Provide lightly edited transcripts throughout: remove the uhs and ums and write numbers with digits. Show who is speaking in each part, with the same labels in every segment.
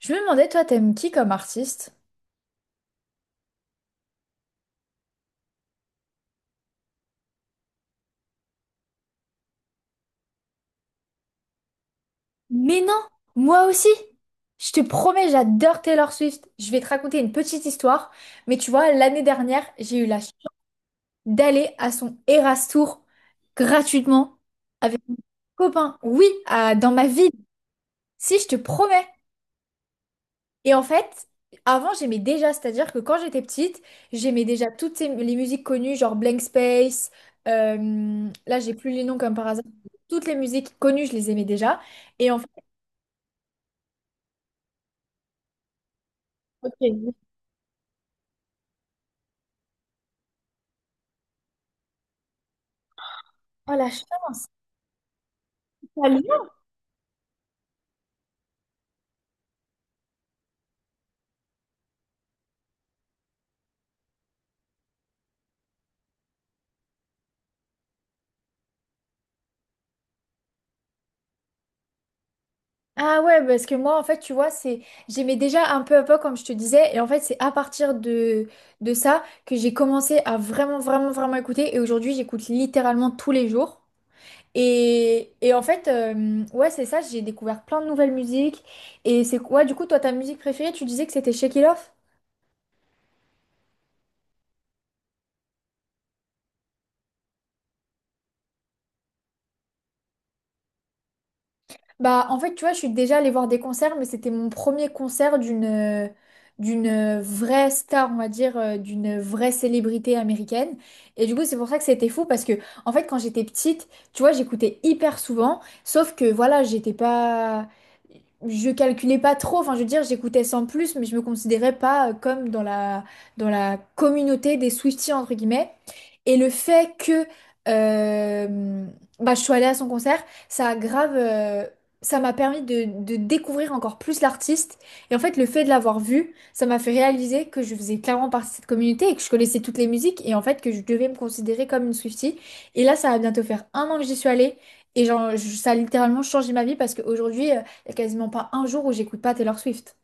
Speaker 1: Je me demandais, toi, t'aimes qui comme artiste? Mais non, moi aussi. Je te promets, j'adore Taylor Swift. Je vais te raconter une petite histoire. Mais tu vois, l'année dernière, j'ai eu la chance d'aller à son Eras Tour gratuitement avec mon copain. Oui, dans ma ville. Si, je te promets. Et en fait, Avant, j'aimais déjà. C'est-à-dire que quand j'étais petite, j'aimais déjà les musiques connues, genre Blank Space. Là, j'ai plus les noms comme par hasard. Toutes les musiques connues, je les aimais déjà. Et en Ok. Oh la chance. À Lyon. Ah ouais, parce que moi, en fait, tu vois, c'est j'aimais déjà un peu à peu, comme je te disais. Et en fait, c'est à partir de ça que j'ai commencé à vraiment, vraiment, vraiment écouter. Et aujourd'hui, j'écoute littéralement tous les jours. En fait, ouais, c'est ça, j'ai découvert plein de nouvelles musiques. Et c'est quoi, du coup, toi, ta musique préférée, tu disais que c'était Shake It Off? Bah, en fait, tu vois, je suis déjà allée voir des concerts, mais c'était mon premier concert d'une vraie star, on va dire, d'une vraie célébrité américaine. Et du coup, c'est pour ça que c'était fou, parce que, en fait, quand j'étais petite, tu vois, j'écoutais hyper souvent, sauf que, voilà, j'étais pas... Je calculais pas trop, enfin, je veux dire, j'écoutais sans plus, mais je me considérais pas comme dans la communauté des Swifties, entre guillemets. Et le fait que euh, bah, je suis allée à son concert, ça a grave... ça m'a permis de découvrir encore plus l'artiste. Et en fait, le fait de l'avoir vu, ça m'a fait réaliser que je faisais clairement partie de cette communauté et que je connaissais toutes les musiques et en fait que je devais me considérer comme une Swiftie. Et là, ça va bientôt faire un an que j'y suis allée. Et genre, ça a littéralement changé ma vie parce qu'aujourd'hui, il n'y a quasiment pas un jour où j'écoute pas Taylor Swift.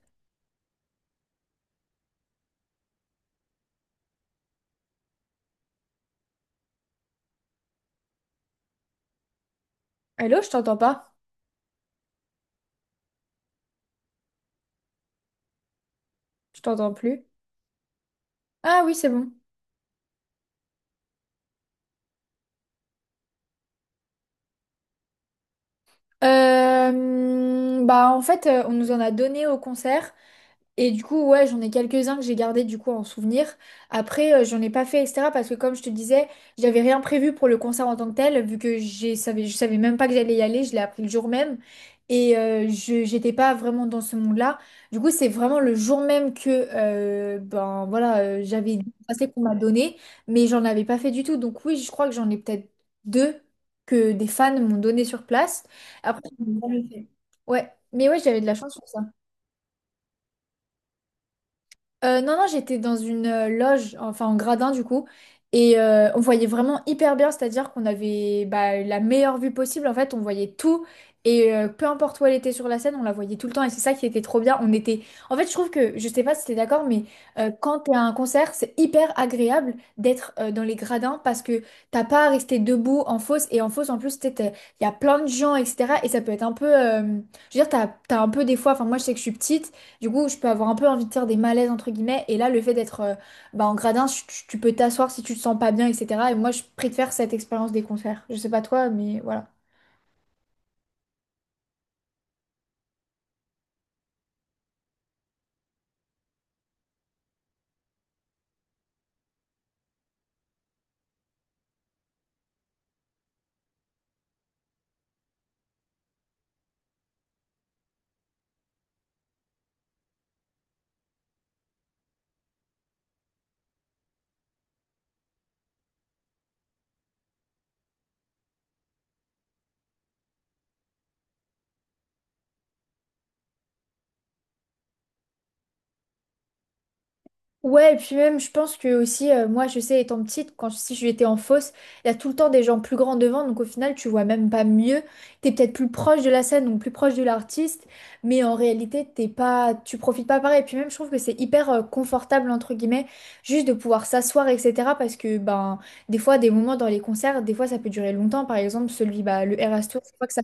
Speaker 1: Hello, je t'entends pas. Je t'entends plus. Ah oui, c'est bon. Bah en fait, on nous en a donné au concert. Et du coup, ouais, j'en ai quelques-uns que j'ai gardés du coup en souvenir. Après, j'en ai pas fait, etc. Parce que comme je te disais, j'avais rien prévu pour le concert en tant que tel, vu que je savais même pas que j'allais y aller, je l'ai appris le jour même. Et je j'étais pas vraiment dans ce monde-là. Du coup, c'est vraiment le jour même que ben voilà, j'avais dit assez qu'on m'a donné, mais j'en avais pas fait du tout. Donc oui, je crois que j'en ai peut-être deux que des fans m'ont donné sur place. Après, j'en ai jamais fait. Ouais, mais ouais, j'avais de la chance sur ça. Non, non, j'étais dans une loge, enfin en gradin du coup, et on voyait vraiment hyper bien, c'est-à-dire qu'on avait bah, la meilleure vue possible, en fait, on voyait tout, et peu importe où elle était sur la scène, on la voyait tout le temps, et c'est ça qui était trop bien. On était... En fait, je trouve que, je sais pas si t'es d'accord, mais quand t'es à un concert, c'est hyper agréable d'être dans les gradins, parce que t'as pas à rester debout en fosse, et en fosse, en plus, il y a plein de gens, etc., et ça peut être un peu... Je veux dire, t'as un peu des fois, enfin moi je sais que je suis petite, du coup, je peux avoir un peu envie de faire des malaises, entre guillemets. Et là, le fait d'être bah, en gradin, tu peux t'asseoir si tu te sens pas bien, etc. Et moi, je préfère cette expérience des concerts. Je sais pas toi, mais voilà. Ouais, et puis même, je pense que aussi, moi, je sais, étant petite, quand si j'étais en fosse, il y a tout le temps des gens plus grands devant, donc au final, tu vois même pas mieux. T'es peut-être plus proche de la scène, donc plus proche de l'artiste, mais en réalité, t'es pas, tu profites pas pareil. Et puis même, je trouve que c'est hyper confortable, entre guillemets, juste de pouvoir s'asseoir, etc. Parce que, ben, des fois, des moments dans les concerts, des fois, ça peut durer longtemps. Par exemple, bah, le Eras Tour, je crois que ça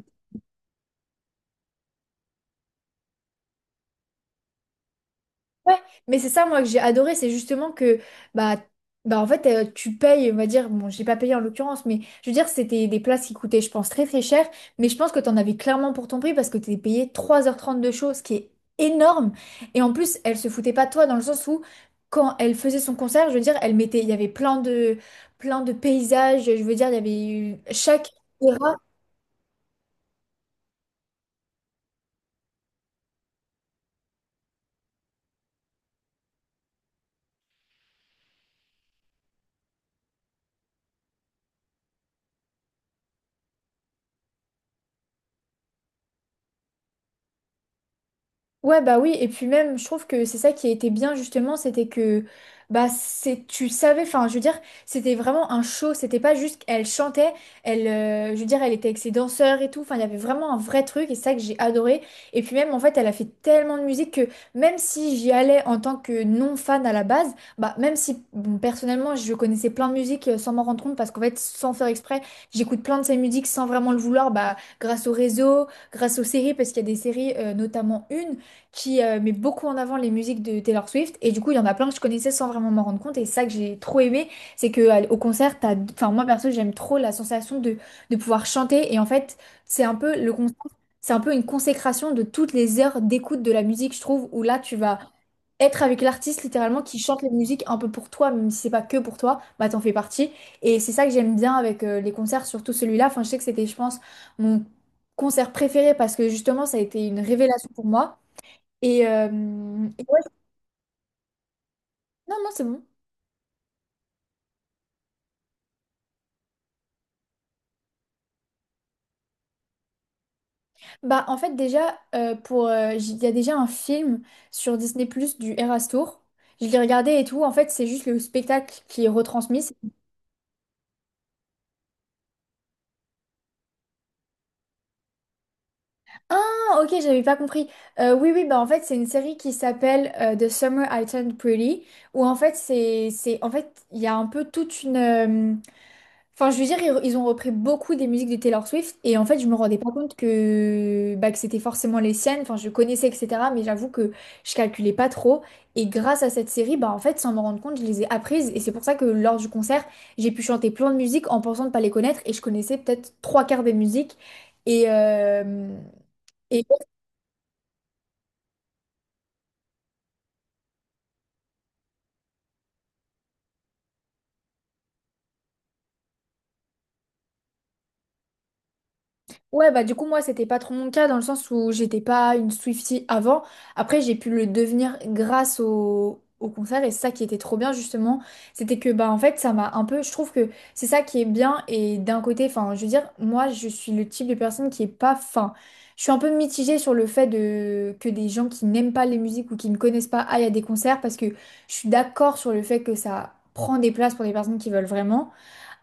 Speaker 1: Ouais, mais c'est ça moi que j'ai adoré, c'est justement que bah bah en fait tu payes, on va dire, bon j'ai pas payé en l'occurrence, mais je veux dire c'était des places qui coûtaient je pense très très cher, mais je pense que t'en avais clairement pour ton prix parce que t'es payé 3h30 de show, ce qui est énorme. Et en plus elle se foutait pas de toi dans le sens où quand elle faisait son concert, je veux dire elle mettait, il y avait plein de paysages, je veux dire il y avait eu- chaque Ouais, bah oui, et puis même, je trouve que c'est ça qui était bien justement, c'était que bah c'est tu savais, enfin je veux dire, c'était vraiment un show, c'était pas juste elle chantait, elle je veux dire, elle était avec ses danseurs et tout, enfin il y avait vraiment un vrai truc et c'est ça que j'ai adoré. Et puis même en fait, elle a fait tellement de musique que même si j'y allais en tant que non fan à la base, bah même si bon, personnellement, je connaissais plein de musiques sans m'en rendre compte parce qu'en fait, sans faire exprès, j'écoute plein de ses musiques sans vraiment le vouloir, bah grâce au réseau, grâce aux séries parce qu'il y a des séries notamment une qui met beaucoup en avant les musiques de Taylor Swift. Et du coup, il y en a plein que je connaissais sans vraiment m'en rendre compte. Et c'est ça que j'ai trop aimé, c'est que au concert, t'as... Enfin, moi perso, j'aime trop la sensation de pouvoir chanter. Et en fait, c'est un peu le concert, c'est un peu une consécration de toutes les heures d'écoute de la musique, je trouve, où là, tu vas être avec l'artiste littéralement qui chante les musiques un peu pour toi, même si c'est pas que pour toi, bah t'en fais partie. Et c'est ça que j'aime bien avec les concerts, surtout celui-là. Enfin, je sais que c'était, je pense, mon concert préféré parce que justement, ça a été une révélation pour moi. Et, euh, et ouais, non, non, c'est bon. Bah, en fait, déjà, il y a déjà un film sur Disney+, Plus du Eras Tour. Je l'ai regardé et tout. En fait, c'est juste le spectacle qui est retransmis. Ah, ok, j'avais pas compris. Oui, oui, bah, en fait, c'est une série qui s'appelle The Summer I Turned Pretty, où en fait, en fait, il y a un peu toute une, Enfin, je veux dire, ils ont repris beaucoup des musiques de Taylor Swift et en fait, je me rendais pas compte que, bah, que c'était forcément les siennes. Enfin, je connaissais, etc. Mais j'avoue que je calculais pas trop. Et grâce à cette série, bah, en fait, sans me rendre compte, je les ai apprises. Et c'est pour ça que lors du concert, j'ai pu chanter plein de musiques en pensant ne pas les connaître. Et je connaissais peut-être trois quarts des musiques. Et, euh, et Ouais, bah du coup, moi, c'était pas trop mon cas dans le sens où j'étais pas une Swiftie avant. Après, j'ai pu le devenir grâce au concert et c'est ça qui était trop bien, justement. C'était que, bah en fait, ça m'a un peu. Je trouve que c'est ça qui est bien et d'un côté, enfin, je veux dire, moi, je suis le type de personne qui est pas fin. Je suis un peu mitigée sur le fait de... que des gens qui n'aiment pas les musiques ou qui ne connaissent pas aillent à des concerts parce que je suis d'accord sur le fait que ça prend des places pour des personnes qui veulent vraiment.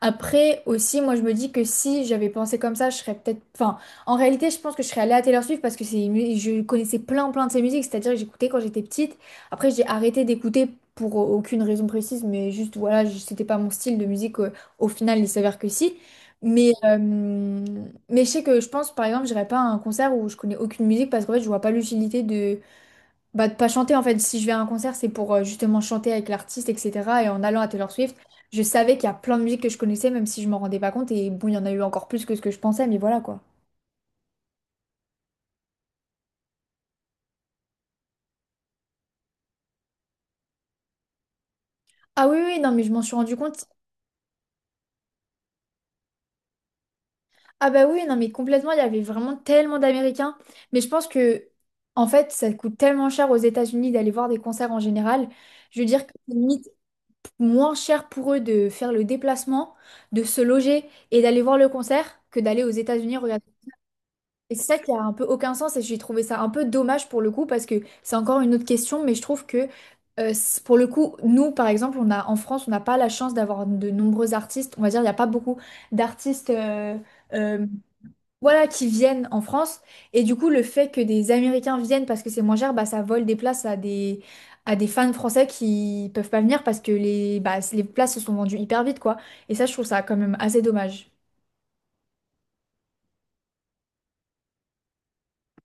Speaker 1: Après aussi, moi je me dis que si j'avais pensé comme ça, je serais peut-être. Enfin, en réalité, je pense que je serais allée à Taylor Swift parce que c'est je connaissais plein de ses musiques, c'est-à-dire que j'écoutais quand j'étais petite. Après, j'ai arrêté d'écouter pour aucune raison précise, mais juste voilà, c'était pas mon style de musique. Au final, il s'avère que si. Mais, euh, mais je sais que je pense, par exemple, j'irais pas à un concert où je connais aucune musique parce qu'en fait, je vois pas l'utilité bah, de pas chanter en fait. Si je vais à un concert, c'est pour justement chanter avec l'artiste, etc. Et en allant à Taylor Swift, je savais qu'il y a plein de musiques que je connaissais, même si je m'en rendais pas compte. Et bon, il y en a eu encore plus que ce que je pensais, mais voilà quoi. Ah oui, oui, non, mais je m'en suis rendu compte. Ah bah oui, non, mais complètement, il y avait vraiment tellement d'Américains. Mais je pense que, en fait, ça coûte tellement cher aux États-Unis d'aller voir des concerts en général. Je veux dire que c'est limite moins cher pour eux de faire le déplacement, de se loger et d'aller voir le concert que d'aller aux États-Unis. Et c'est ça qui a un peu aucun sens et j'ai trouvé ça un peu dommage pour le coup parce que c'est encore une autre question, mais je trouve que pour le coup, nous par exemple, on a en France, on n'a pas la chance d'avoir de nombreux artistes. On va dire, il n'y a pas beaucoup d'artistes euh, voilà, qui viennent en France. Et du coup, le fait que des Américains viennent parce que c'est moins cher, bah, ça vole des places à des fans français qui peuvent pas venir parce que bah, les places se sont vendues hyper vite, quoi. Et ça, je trouve ça quand même assez dommage.